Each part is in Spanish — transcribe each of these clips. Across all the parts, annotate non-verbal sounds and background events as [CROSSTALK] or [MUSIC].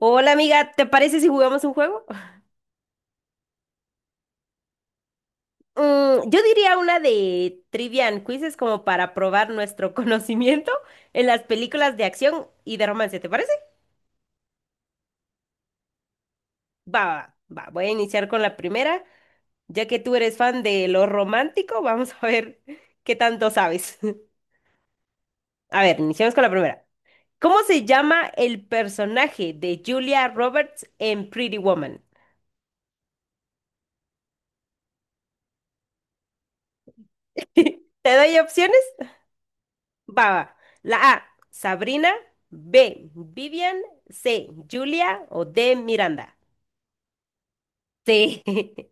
Hola amiga, ¿te parece si jugamos un juego? Yo diría una de trivia and quizzes como para probar nuestro [LAUGHS] conocimiento en las películas de acción y de romance, ¿te parece? Va, voy a iniciar con la primera. Ya que tú eres fan de lo romántico, vamos a ver [LAUGHS] qué tanto sabes. [LAUGHS] A ver, iniciamos con la primera. ¿Cómo se llama el personaje de Julia Roberts en Pretty Woman? ¿Te doy opciones? Va, va. La A, Sabrina. B, Vivian. C, Julia. O D, Miranda. Sí. [LAUGHS]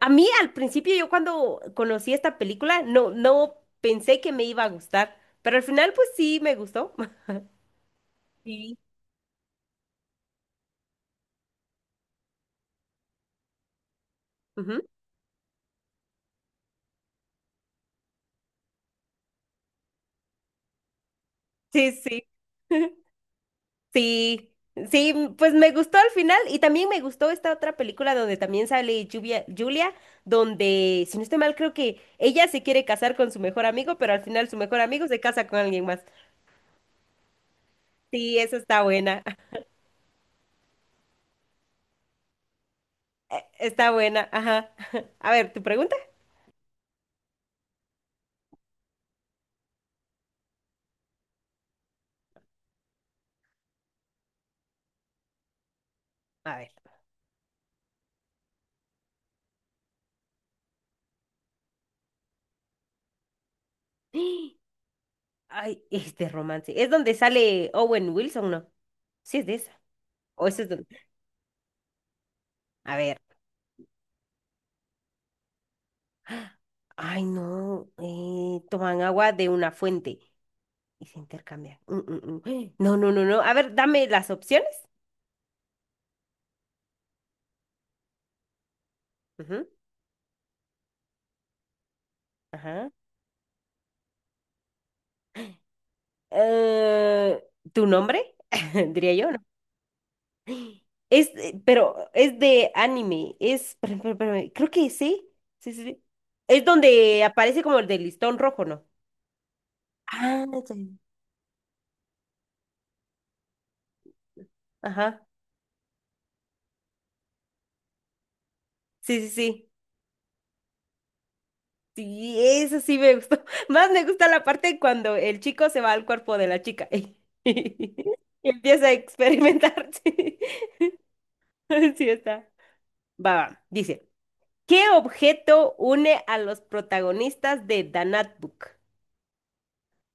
A mí al principio, yo cuando conocí esta película, no pensé que me iba a gustar, pero al final pues sí me gustó. [LAUGHS] Sí. Ujú. Sí, sí. [LAUGHS] Sí, sí, pues me gustó al final y también me gustó esta otra película donde también sale Julia, donde, si no estoy mal, creo que ella se quiere casar con su mejor amigo, pero al final su mejor amigo se casa con alguien más. Sí, esa está buena, [LAUGHS] está buena, ajá. [LAUGHS] A ver, ¿tu pregunta? A ver. [GASPS] Ay, este romance. ¿Es donde sale Owen Wilson, no? Sí, es de esa. O esa es donde... A ver. Ay, no. Toman agua de una fuente. Y se intercambia. Mm. ¡Ay! No, no, no, no. A ver, dame las opciones. Ujú. Ajá. Eh, ¿Tu nombre? [LAUGHS] Diría yo, ¿no? Es, pero es de anime. Es, espérame, creo que sí. Sí, sí, sí. Es donde aparece como el de listón rojo, ¿no? Ah, ya. Ajá. Sí, sí, sí. Sí, eso sí me gustó. [LAUGHS] Más me gusta la parte cuando el chico se va al cuerpo de la chica. [LAUGHS] Y empieza a experimentar. [LAUGHS] Sí. [LAUGHS] Sí, está. Va, va. Dice, ¿qué objeto une a los protagonistas de The Notebook?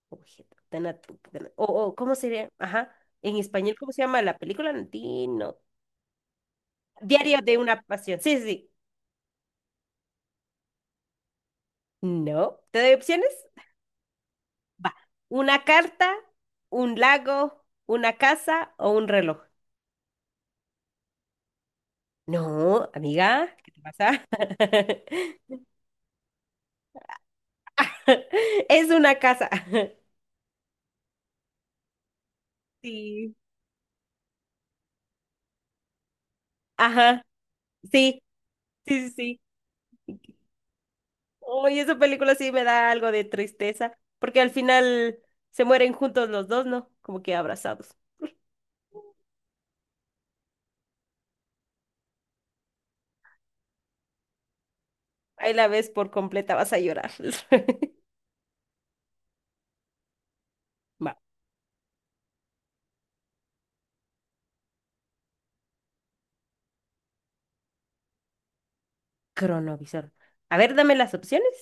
Objeto, The Notebook. The Not- O, ¿cómo sería? Ajá. En español, ¿cómo se llama la película? No. Diario de una pasión. Sí, sí, sí. No. ¿Te doy opciones? Va. ¿Una carta, un lago, una casa o un reloj? No, amiga, ¿qué te pasa? [LAUGHS] Es una casa. [LAUGHS] Sí. Ajá. Sí, sí, sí, sí. Uy, esa película sí me da algo de tristeza, porque al final se mueren juntos los dos, ¿no? Como que abrazados. Ahí la ves por completa, vas a llorar. [LAUGHS] Va, cronovisor. A ver, dame las opciones.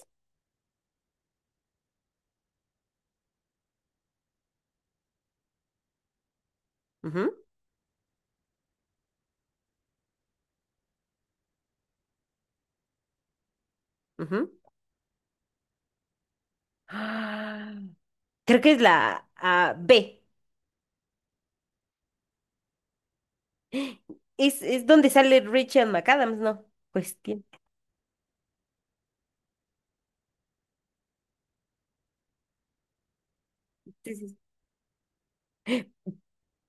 Ujú, ujú. Ah, creo que es la B. Es donde sale Rachel McAdams, ¿no? Pues tiene. Sí, sí, sí.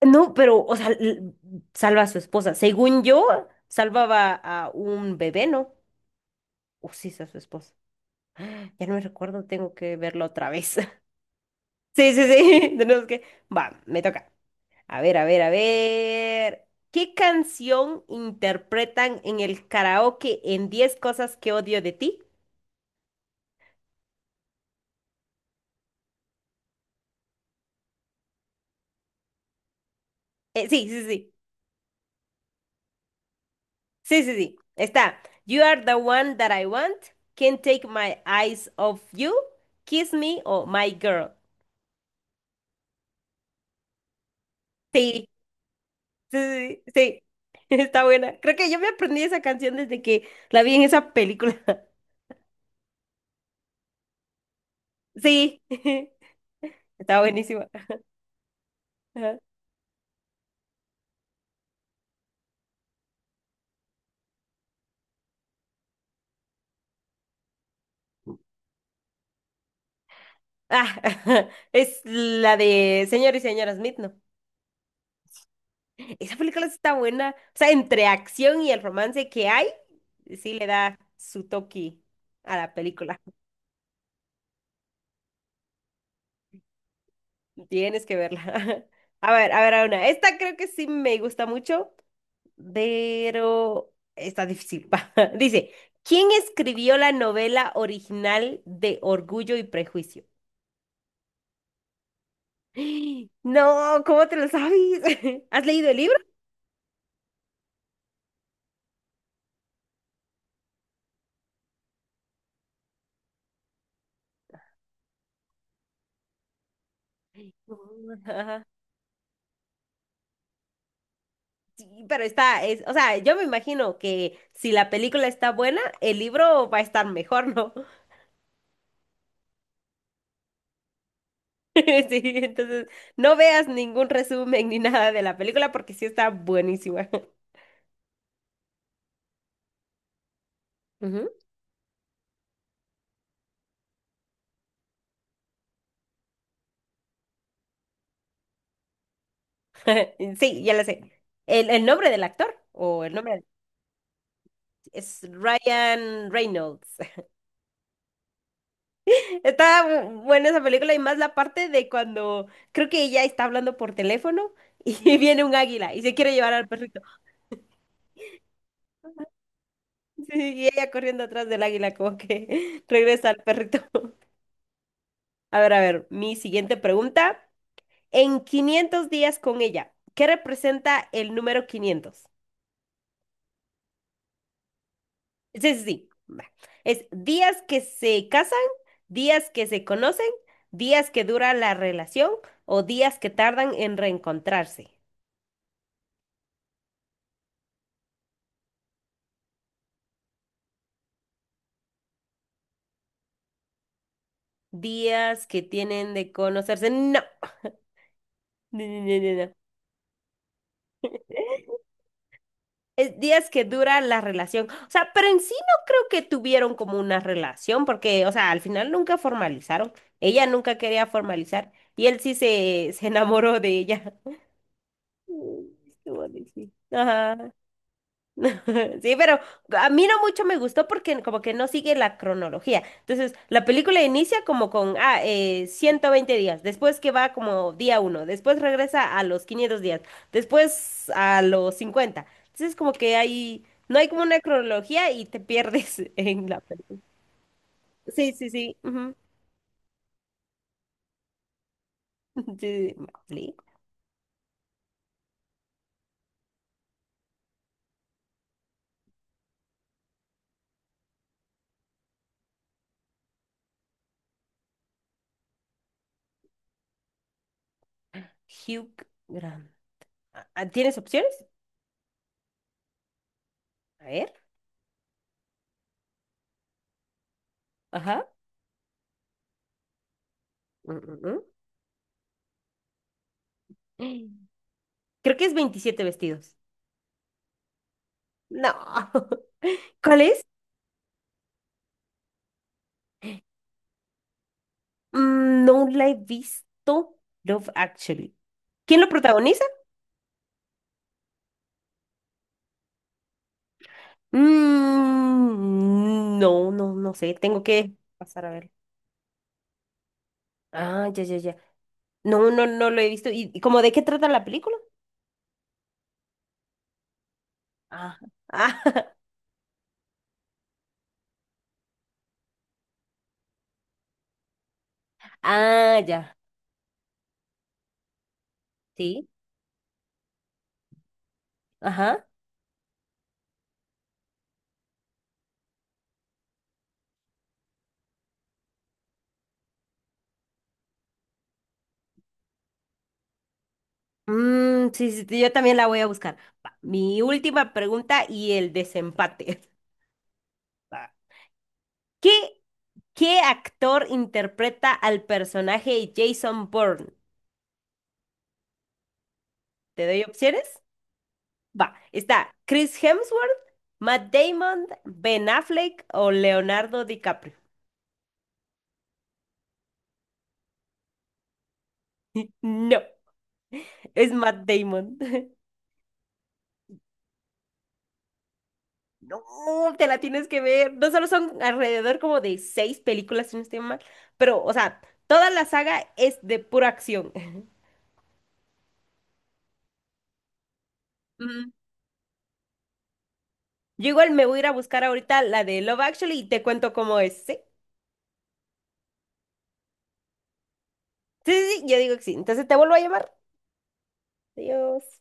No, pero, o sea, salva a su esposa. Según yo, salvaba a un bebé, ¿no? O sí, es a su esposa. Ya no me recuerdo, tengo que verlo otra vez. [LAUGHS] Sí, sí, sí, [LAUGHS] tenemos que... Va, me toca. A ver. ¿Qué canción interpretan en el karaoke en 10 cosas que odio de ti? Sí, sí, sí, sí, sí, sí. Está. You are the one that I want. Can't take my eyes off you. Kiss me o My Girl. Sí, sí, sí, [LAUGHS] sí. Está buena. Creo que yo me aprendí esa canción desde que la vi en esa película. [LAUGHS] Sí, [LAUGHS] está buenísima. Ajá. Ah, [LAUGHS] es la de Señor y Señora Smith, ¿no? Esa película sí está buena. O sea, entre acción y el romance que hay, sí le da su toque a la película. Tienes que verla. [LAUGHS] A ver, a ver, a una. Esta creo que sí me gusta mucho, pero está difícil. Pa. [LAUGHS] Dice, ¿quién escribió la novela original de Orgullo y Prejuicio? [GASPS] No, ¿cómo te lo sabes? [LAUGHS] ¿Has leído el libro? No. Sí, pero está, es, o sea, yo me imagino que si la película está buena, el libro va a estar mejor, ¿no? [LAUGHS] Sí, entonces no veas ningún resumen ni nada de la película porque sí está buenísima. Ujú. [LAUGHS] Sí, ya la sé. El nombre del actor o el nombre es Ryan Reynolds? [LAUGHS] Está buena esa película y más la parte de cuando creo que ella está hablando por teléfono y [LAUGHS] viene un águila y se quiere llevar al perrito. Sí, y ella corriendo atrás del águila, como que [LAUGHS] regresa al perrito. [LAUGHS] A ver, mi siguiente pregunta. En 500 días con ella, ¿qué representa el número 500? Sí, sí, sí, va. Es días que se casan, días que se conocen, días que dura la relación o días que tardan en reencontrarse. Días que tienen de conocerse. No. [LAUGHS] No, no, no, no, no. Es días que dura la relación. O sea, pero en sí no creo que tuvieron como una relación, porque, o sea, al final nunca formalizaron. Ella nunca quería formalizar y él sí se enamoró de ella. [LAUGHS] Mm, estuvo difícil. Ajá. [LAUGHS] Sí, pero a mí no mucho me gustó porque como que no sigue la cronología. Entonces, la película inicia como con 120 días, después que va como día uno, después regresa a los 500 días, después a los 50. Entonces, como que no hay como una cronología y te pierdes [LAUGHS] en la película. Sí, sí, sí, ujú. [LAUGHS] Sí, sí, sí. Hugh Grant. ¿Tienes opciones? A ver. Ajá. Mm, mm, mm. [GASPS] Creo que es 27 vestidos. No. [LAUGHS] ¿Cuál es? Mm, no la he visto. Love Actually. ¿Quién lo protagoniza? Mm, no, no, no sé. Tengo que pasar a ver. Ah, ya, ya, ya. No, no, no lo he visto. Y cómo de qué trata la película? Ah, ah, [LAUGHS] ah, ya. Sí. Ajá. Mm, sí, sí, sí, yo también la voy a buscar. Va, mi última pregunta y el desempate. [LAUGHS] Va. ¿Qué, qué actor interpreta al personaje Jason Bourne? ¿Te doy opciones? Va, está Chris Hemsworth, Matt Damon, Ben Affleck o Leonardo DiCaprio. No, es Matt Damon. [LAUGHS] No, te la tienes que ver. No solo son alrededor como de 6 películas, si no estoy mal, pero, o sea, toda la saga es de pura acción. [LAUGHS] Ujú. Yo igual me voy a ir a buscar ahorita la de Love Actually y te cuento cómo es, ¿sí? Sí, sí, sí, yo digo que sí. Entonces te vuelvo a llamar. Adiós.